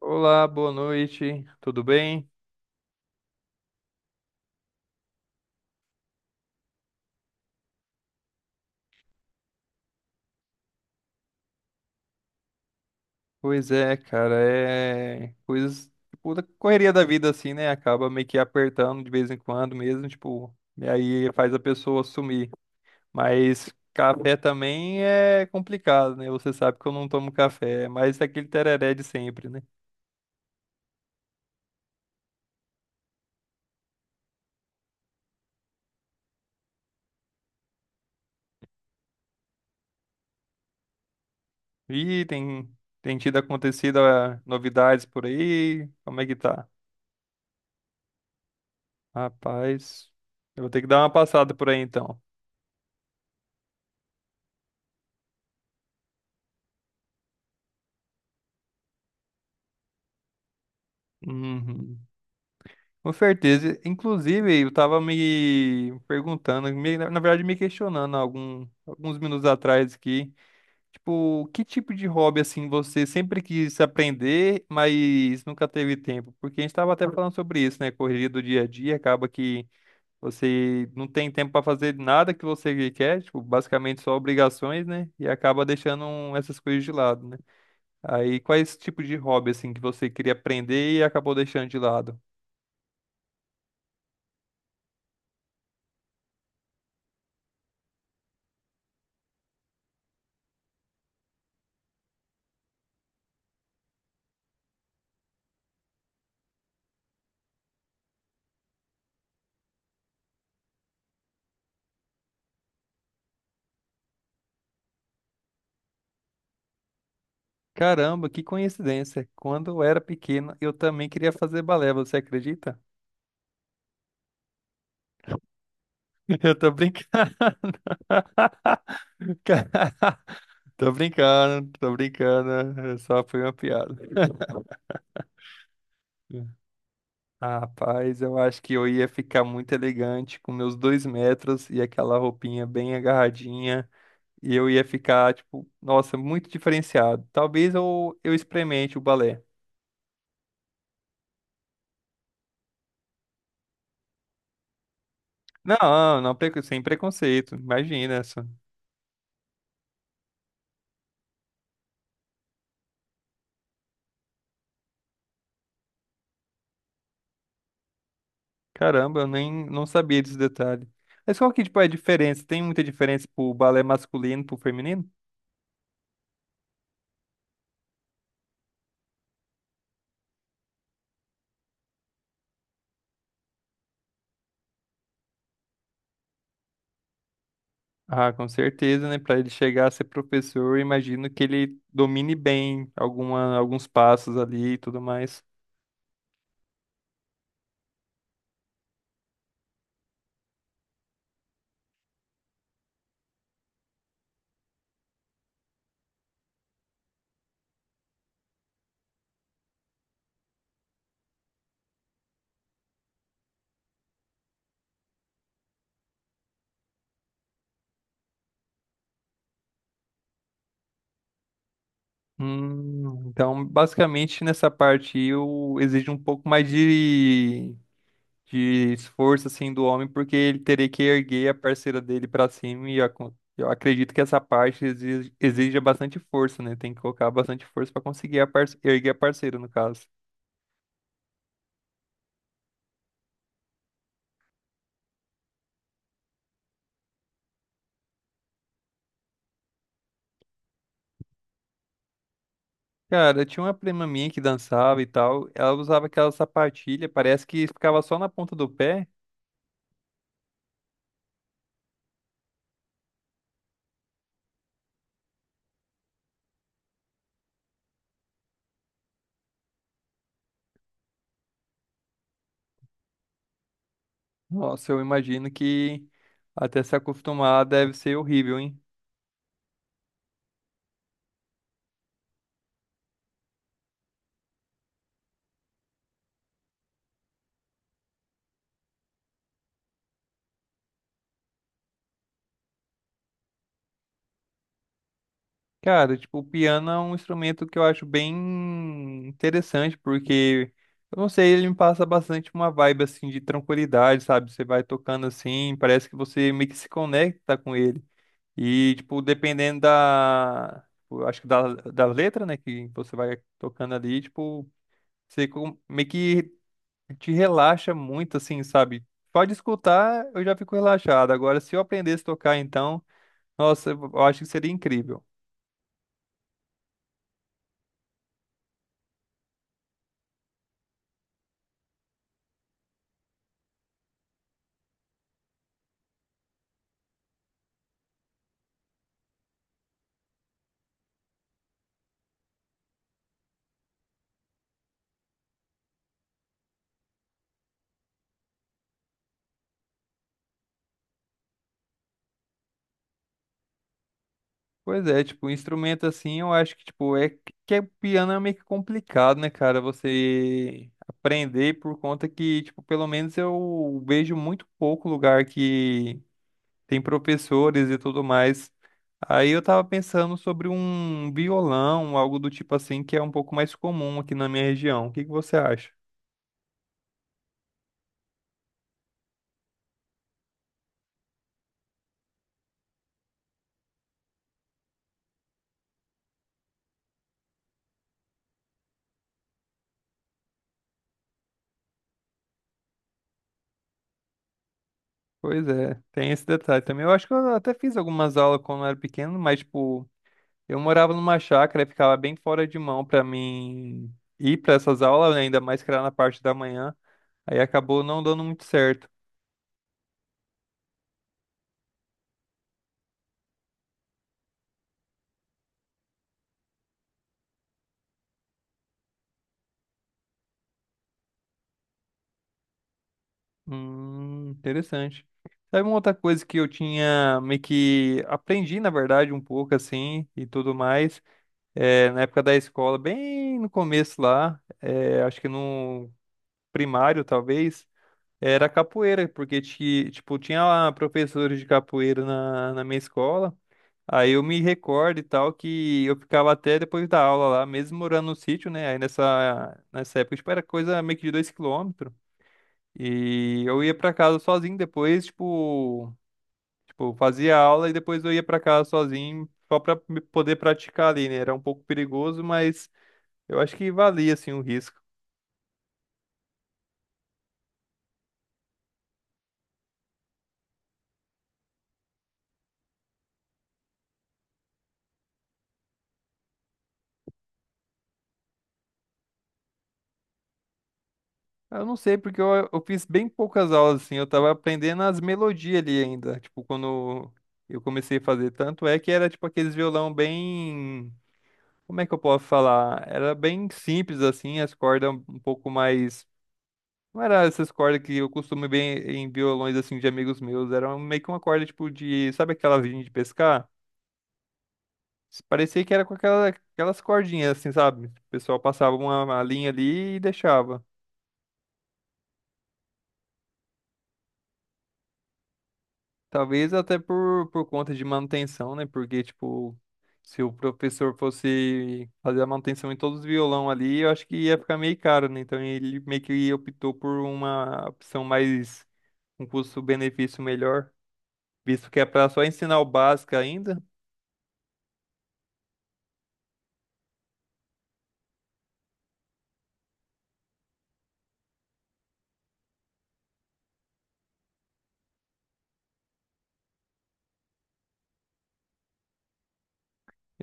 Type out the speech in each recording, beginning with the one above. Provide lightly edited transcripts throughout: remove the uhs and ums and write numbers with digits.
Olá, boa noite, tudo bem? Pois é, cara, é coisas, tipo, da correria da vida, assim, né? Acaba meio que apertando de vez em quando mesmo, tipo, e aí faz a pessoa sumir. Mas café também é complicado, né? Você sabe que eu não tomo café, mas é aquele tereré de sempre, né? E tem, tem tido acontecido novidades por aí? Como é que tá? Rapaz, eu vou ter que dar uma passada por aí então. Uhum. Com certeza. Inclusive, eu tava me perguntando, na verdade, me questionando alguns minutos atrás aqui. Tipo, que tipo de hobby assim você sempre quis aprender, mas nunca teve tempo? Porque a gente tava até falando sobre isso, né? Correria do dia a dia, acaba que você não tem tempo para fazer nada que você quer, tipo, basicamente só obrigações, né? E acaba deixando essas coisas de lado, né? Aí, quais tipo de hobby assim que você queria aprender e acabou deixando de lado? Caramba, que coincidência. Quando eu era pequeno, eu também queria fazer balé, você acredita? Eu tô brincando. Ca- Tô brincando, tô brincando. Só foi uma piada. Ah, rapaz, eu acho que eu ia ficar muito elegante com meus 2 m e aquela roupinha bem agarradinha. E eu ia ficar, tipo, nossa, muito diferenciado. Talvez eu experimente o balé. Não, não, sem preconceito, imagina. Caramba, eu nem não sabia desse detalhe. Mas qual que, tipo, é a diferença? Tem muita diferença pro balé masculino e pro feminino? Ah, com certeza, né? Para ele chegar a ser professor, eu imagino que ele domine bem alguma, alguns passos ali e tudo mais. Então, basicamente, nessa parte aí, eu exijo um pouco mais de esforço assim do homem, porque ele teria que erguer a parceira dele pra cima e eu acredito que essa parte exija bastante força, né? Tem que colocar bastante força pra conseguir a erguer a parceira, no caso. Cara, eu tinha uma prima minha que dançava e tal, ela usava aquela sapatilha, parece que ficava só na ponta do pé. Nossa, eu imagino que até se acostumar deve ser horrível, hein? Cara, tipo, o piano é um instrumento que eu acho bem interessante, porque, eu não sei, ele me passa bastante uma vibe, assim, de tranquilidade, sabe? Você vai tocando assim, parece que você meio que se conecta com ele. E, tipo, dependendo da, tipo, eu acho que da, da letra, né, que você vai tocando ali, tipo, você meio que te relaxa muito, assim, sabe? Pode escutar, eu já fico relaxado. Agora, se eu aprendesse a tocar, então, nossa, eu acho que seria incrível. Pois é, tipo, instrumento assim, eu acho que, tipo, é que o piano é meio que complicado, né, cara? Você aprender por conta que, tipo, pelo menos eu vejo muito pouco lugar que tem professores e tudo mais. Aí eu tava pensando sobre um violão, algo do tipo assim, que é um pouco mais comum aqui na minha região. O que que você acha? Pois é, tem esse detalhe também. Eu acho que eu até fiz algumas aulas quando eu era pequeno, mas, tipo, eu morava numa chácara e ficava bem fora de mão pra mim ir pra essas aulas, né, ainda mais que era na parte da manhã. Aí acabou não dando muito certo. Interessante. Sabe uma outra coisa que eu tinha meio que aprendi, na verdade, um pouco assim e tudo mais, é, na época da escola, bem no começo lá, é, acho que no primário talvez, era capoeira, porque tipo, tinha lá professores de capoeira na, na minha escola. Aí eu me recordo e tal que eu ficava até depois da aula lá, mesmo morando no sítio, né? Aí nessa, nessa época, tipo, era coisa meio que de 2 km. E eu ia pra casa sozinho depois, tipo, tipo, fazia aula e depois eu ia pra casa sozinho só pra me poder praticar ali, né? Era um pouco perigoso, mas eu acho que valia assim o risco. Eu não sei, porque eu fiz bem poucas aulas, assim, eu tava aprendendo as melodias ali ainda, tipo, quando eu comecei a fazer, tanto é que era, tipo, aqueles violão bem, como é que eu posso falar? Era bem simples, assim, as cordas um pouco mais, não era essas cordas que eu costumo ver em violões, assim, de amigos meus, era um, meio que uma corda, tipo, de, sabe aquela vinha de pescar? Parecia que era com aquela, aquelas cordinhas, assim, sabe? O pessoal passava uma linha ali e deixava. Talvez até por conta de manutenção, né? Porque, tipo, se o professor fosse fazer a manutenção em todos os violão ali, eu acho que ia ficar meio caro, né? Então ele meio que optou por uma opção mais, um custo-benefício melhor, visto que é para só ensinar o básico ainda.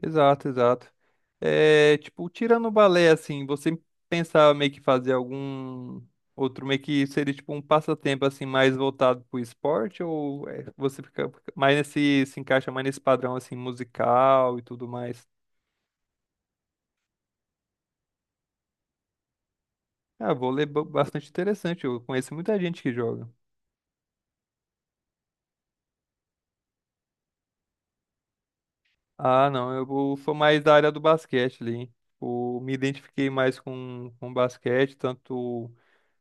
Exato, exato. É, tipo, tirando o balé, assim, você pensava meio que fazer algum outro, meio que seria tipo um passatempo, assim, mais voltado pro esporte, ou é, você fica mais nesse, se encaixa mais nesse padrão, assim, musical e tudo mais? Ah, vôlei é bastante interessante, eu conheço muita gente que joga. Ah, não, sou mais da área do basquete ali, hein? Tipo, me identifiquei mais com basquete, tanto.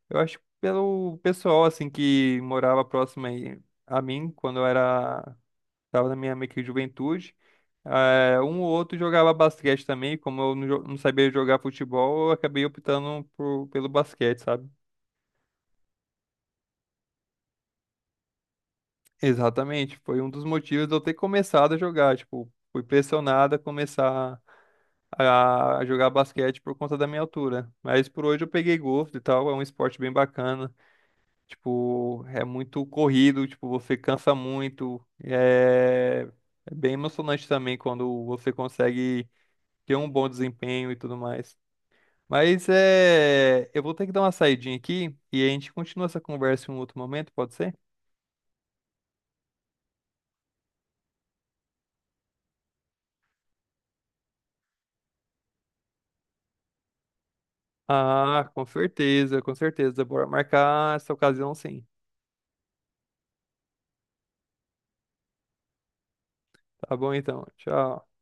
Eu acho que pelo pessoal, assim, que morava próximo aí a mim, quando eu era... Tava na minha meio que juventude. Eh, um ou outro jogava basquete também. Como eu não, não sabia jogar futebol, eu acabei optando pelo basquete, sabe? Exatamente. Foi um dos motivos de eu ter começado a jogar. Tipo, fui pressionado a começar a jogar basquete por conta da minha altura. Mas por hoje eu peguei gosto e tal. É um esporte bem bacana. Tipo, é muito corrido, tipo, você cansa muito. É, é bem emocionante também quando você consegue ter um bom desempenho e tudo mais. Mas é, eu vou ter que dar uma saidinha aqui e a gente continua essa conversa em um outro momento, pode ser? Ah, com certeza, com certeza. Bora marcar essa ocasião sim. Tá bom então. Tchau.